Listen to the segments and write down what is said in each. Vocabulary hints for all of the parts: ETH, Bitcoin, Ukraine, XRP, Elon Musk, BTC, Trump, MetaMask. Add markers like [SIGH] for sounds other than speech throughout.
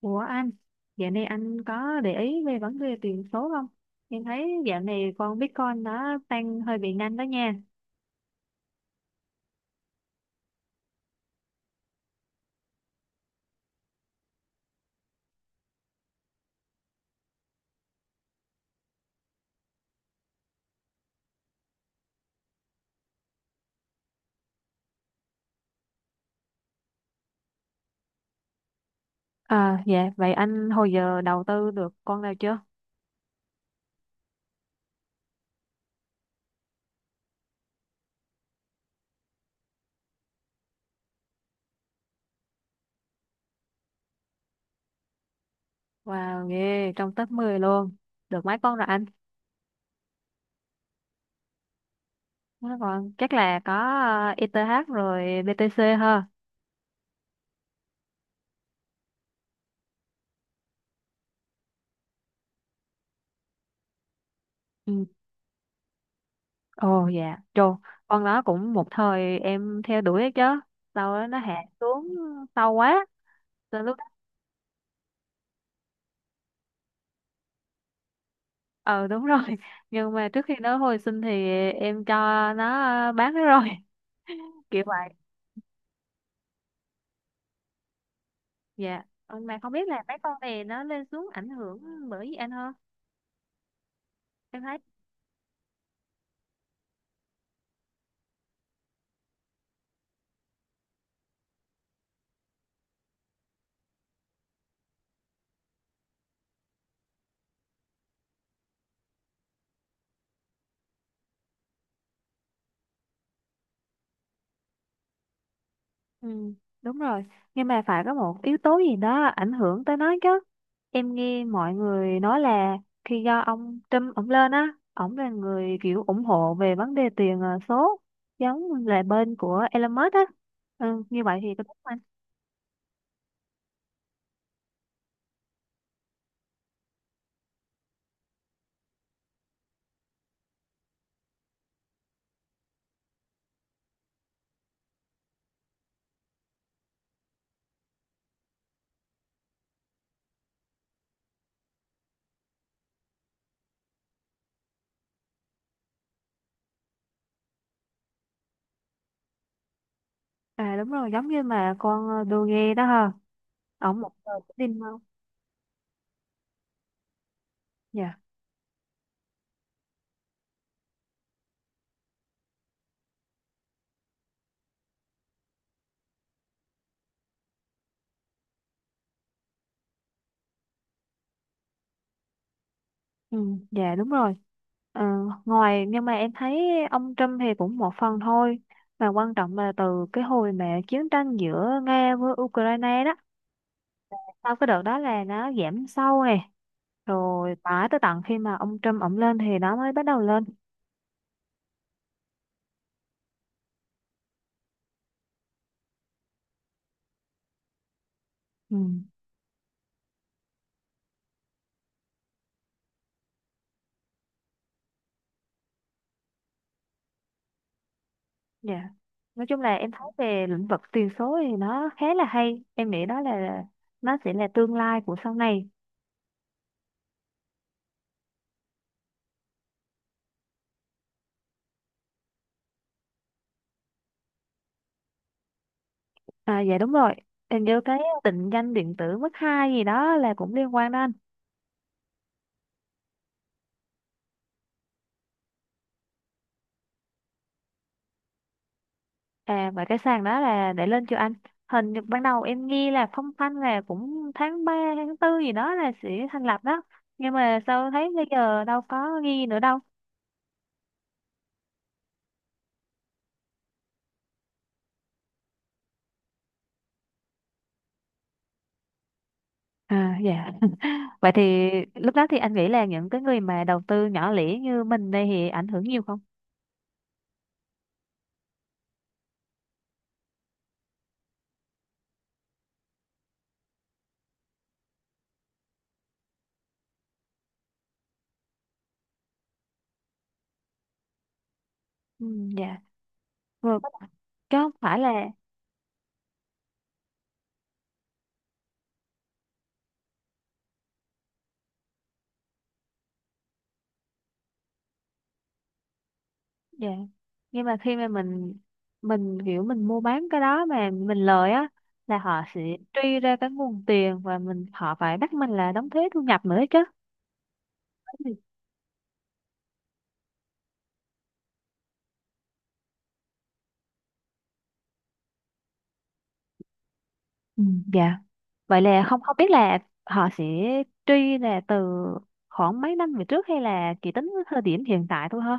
Ủa anh, dạo này anh có để ý về vấn đề tiền số không? Em thấy dạo này con Bitcoin nó tăng hơi bị nhanh đó nha. À dạ, vậy anh hồi giờ đầu tư được con nào chưa? Wow, ghê, trong top 10 luôn. Được mấy con rồi anh? Mấy con chắc là có ETH rồi BTC ha. Ừ. Ồ dạ, trồ, con đó cũng một thời em theo đuổi ấy chứ. Sau đó nó hạ xuống sâu quá. Từ ờ Đúng rồi. [LAUGHS] Nhưng mà trước khi nó hồi sinh thì em cho nó, bán nó rồi. [LAUGHS] Kiểu vậy. Dạ. Ừ, mà không biết là mấy con này nó lên xuống ảnh hưởng bởi gì anh không? Em thấy. Ừ, đúng rồi. Nhưng mà phải có một yếu tố gì đó ảnh hưởng tới nó chứ. Em nghe mọi người nói là khi do ông Trump ổng lên á, ổng là người kiểu ủng hộ về vấn đề tiền số, giống là bên của Elon Musk á. Ừ, như vậy thì có đúng không anh? À đúng rồi, giống như mà con đô ghê đó ha. Ổng một giờ cũng tin không? Dạ. Ừ, dạ đúng rồi. Ờ, ngoài Nhưng mà em thấy ông Trump thì cũng một phần thôi. Mà quan trọng là từ cái hồi mà chiến tranh giữa Nga với Ukraine đó. Sau cái đợt đó là nó giảm sâu này. Rồi mãi tới tận khi mà ông Trump ổng lên thì nó mới bắt đầu lên. Ừ, dạ. Nói chung là em thấy về lĩnh vực tiền số thì nó khá là hay. Em nghĩ đó là nó sẽ là tương lai của sau này. À dạ đúng rồi. Hình như cái định danh điện tử mức 2 gì đó là cũng liên quan đó anh. À và cái sàn đó là để lên chưa anh? Hình như ban đầu em nghe là phong phanh là cũng tháng 3 tháng 4 gì đó là sẽ thành lập đó. Nhưng mà sao thấy bây giờ đâu có ghi nữa đâu. À dạ. [LAUGHS] Vậy thì lúc đó thì anh nghĩ là những cái người mà đầu tư nhỏ lẻ như mình đây thì ảnh hưởng nhiều không? Ừ, dạ. Rồi chứ không phải là. Dạ. Nhưng mà khi mà mình kiểu mình mua bán cái đó mà mình lời á, là họ sẽ truy ra cái nguồn tiền và mình họ phải bắt mình là đóng thuế thu nhập nữa chứ. Ừ, dạ. Vậy là không không biết là họ sẽ truy là từ khoảng mấy năm về trước hay là chỉ tính với thời điểm hiện tại thôi ha?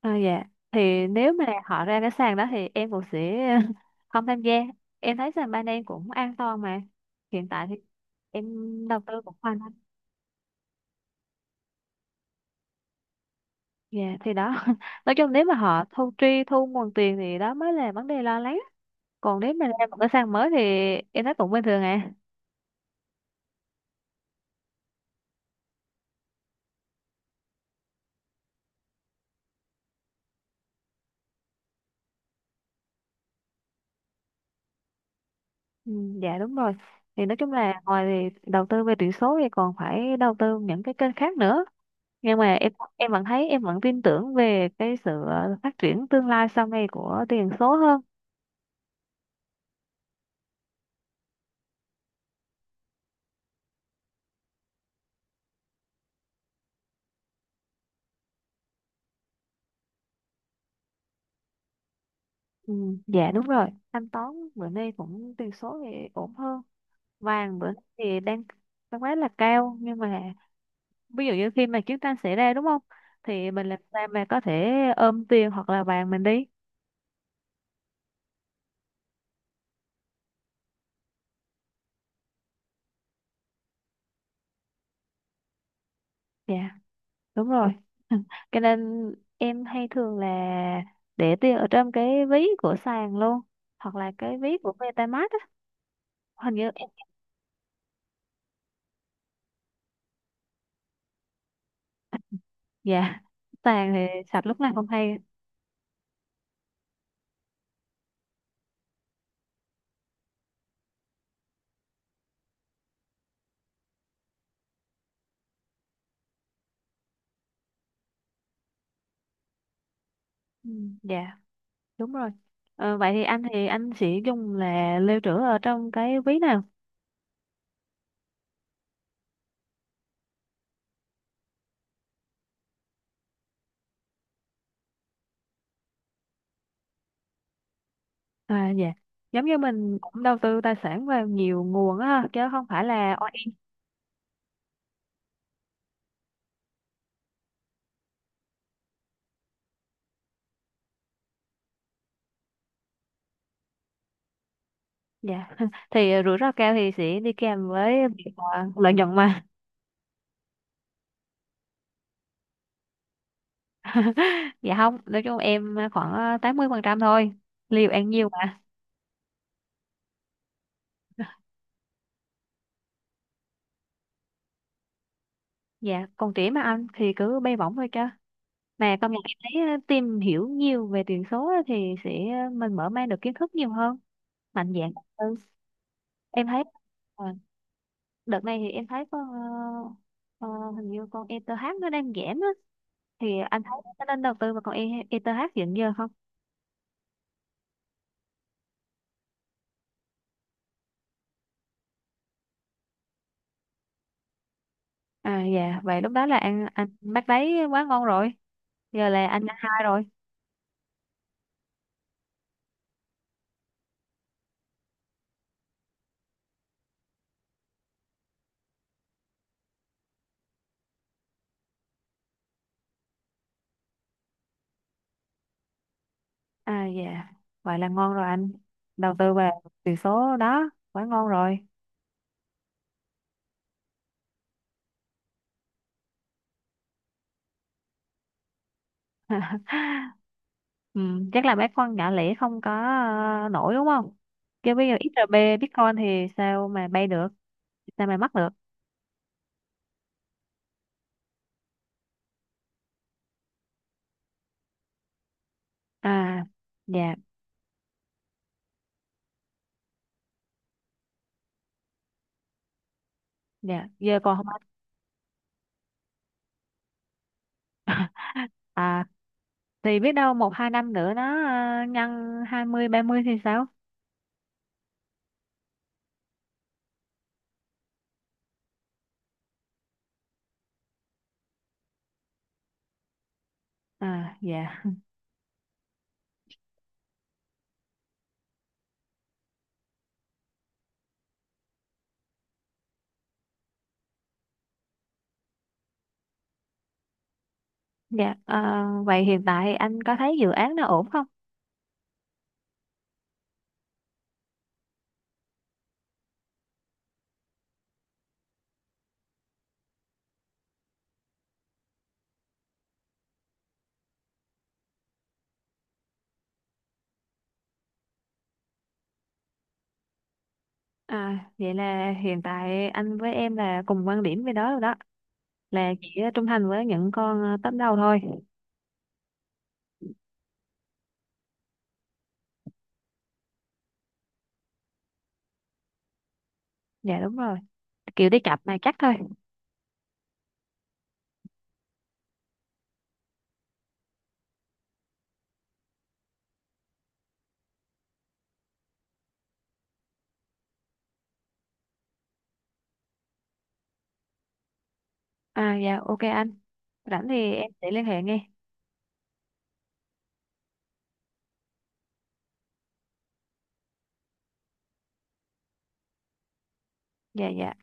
À, dạ. Thì nếu mà họ ra cái sàn đó thì em cũng sẽ [LAUGHS] không tham gia. Em thấy sàn ban em cũng an toàn mà. Hiện tại thì em đầu tư cũng hoàn. Dạ thì đó. [LAUGHS] Nói chung nếu mà họ thu nguồn tiền thì đó mới là vấn đề lo lắng, còn nếu mà ra một cái sàn mới thì em thấy cũng bình thường à. Ừ, dạ đúng rồi. Thì nói chung là ngoài thì đầu tư về tiền số thì còn phải đầu tư những cái kênh khác nữa, nhưng mà em vẫn thấy em vẫn tin tưởng về cái sự phát triển tương lai sau này của tiền số hơn. Ừ, dạ đúng rồi. Thanh toán bữa nay cũng tiền số thì ổn hơn, vàng bữa nay thì đang đang quá là cao, nhưng mà ví dụ như khi mà chiến tranh xảy ra đúng không, thì mình làm sao mà có thể ôm tiền hoặc là vàng mình đi. Dạ đúng rồi. [LAUGHS] Cho nên em hay thường là để tiền ở trong cái ví của sàn luôn, hoặc là cái ví của MetaMask á. Hình như em. Dạ. [LAUGHS] Sàn thì sạch lúc nào không hay. Ừ, dạ đúng rồi. Ờ, vậy thì anh sẽ dùng là lưu trữ ở trong cái ví nào? À dạ, giống như mình cũng đầu tư tài sản vào nhiều nguồn á chứ không phải là. Dạ. [LAUGHS] Thì rủi ro cao thì sẽ đi kèm với việc lợi nhuận mà. [LAUGHS] Dạ, không, nói chung em khoảng 80% thôi. Liều ăn nhiều mà. Dạ còn trẻ mà anh thì cứ bay bổng thôi chứ. Mà công nhận em thấy tìm hiểu nhiều về tiền số á thì sẽ mình mở mang được kiến thức nhiều hơn, mạnh dạn hơn. Ừ, em thấy ờ, đợt này thì em thấy con ờ, hình như con ETH nó đang giảm á, thì anh thấy nó nên đầu tư vào con ETH hiện giờ không? À dạ, vậy lúc đó là anh bát đấy quá ngon rồi. Giờ là anh ăn hai rồi. À dạ, vậy là ngon rồi anh. Đầu tư vào tỷ số đó quá ngon rồi. [LAUGHS] Ừ, chắc là mấy con nhỏ lẻ không có nổi đúng không? Chứ bây giờ XRP Bitcoin thì sao mà bay được, sao mà mắc được. À dạ. Dạ giờ còn không? À thì biết đâu một hai năm nữa nó nhân 20 30 thì sao? À dạ. Dạ, vậy hiện tại anh có thấy dự án nó ổn không? À, vậy là hiện tại anh với em là cùng quan điểm với đó rồi đó, là chỉ trung thành với những con top đầu thôi. Dạ đúng rồi, kiểu đi cặp này chắc thôi. À dạ ok anh, rảnh thì em sẽ liên hệ nghe. Dạ dạ.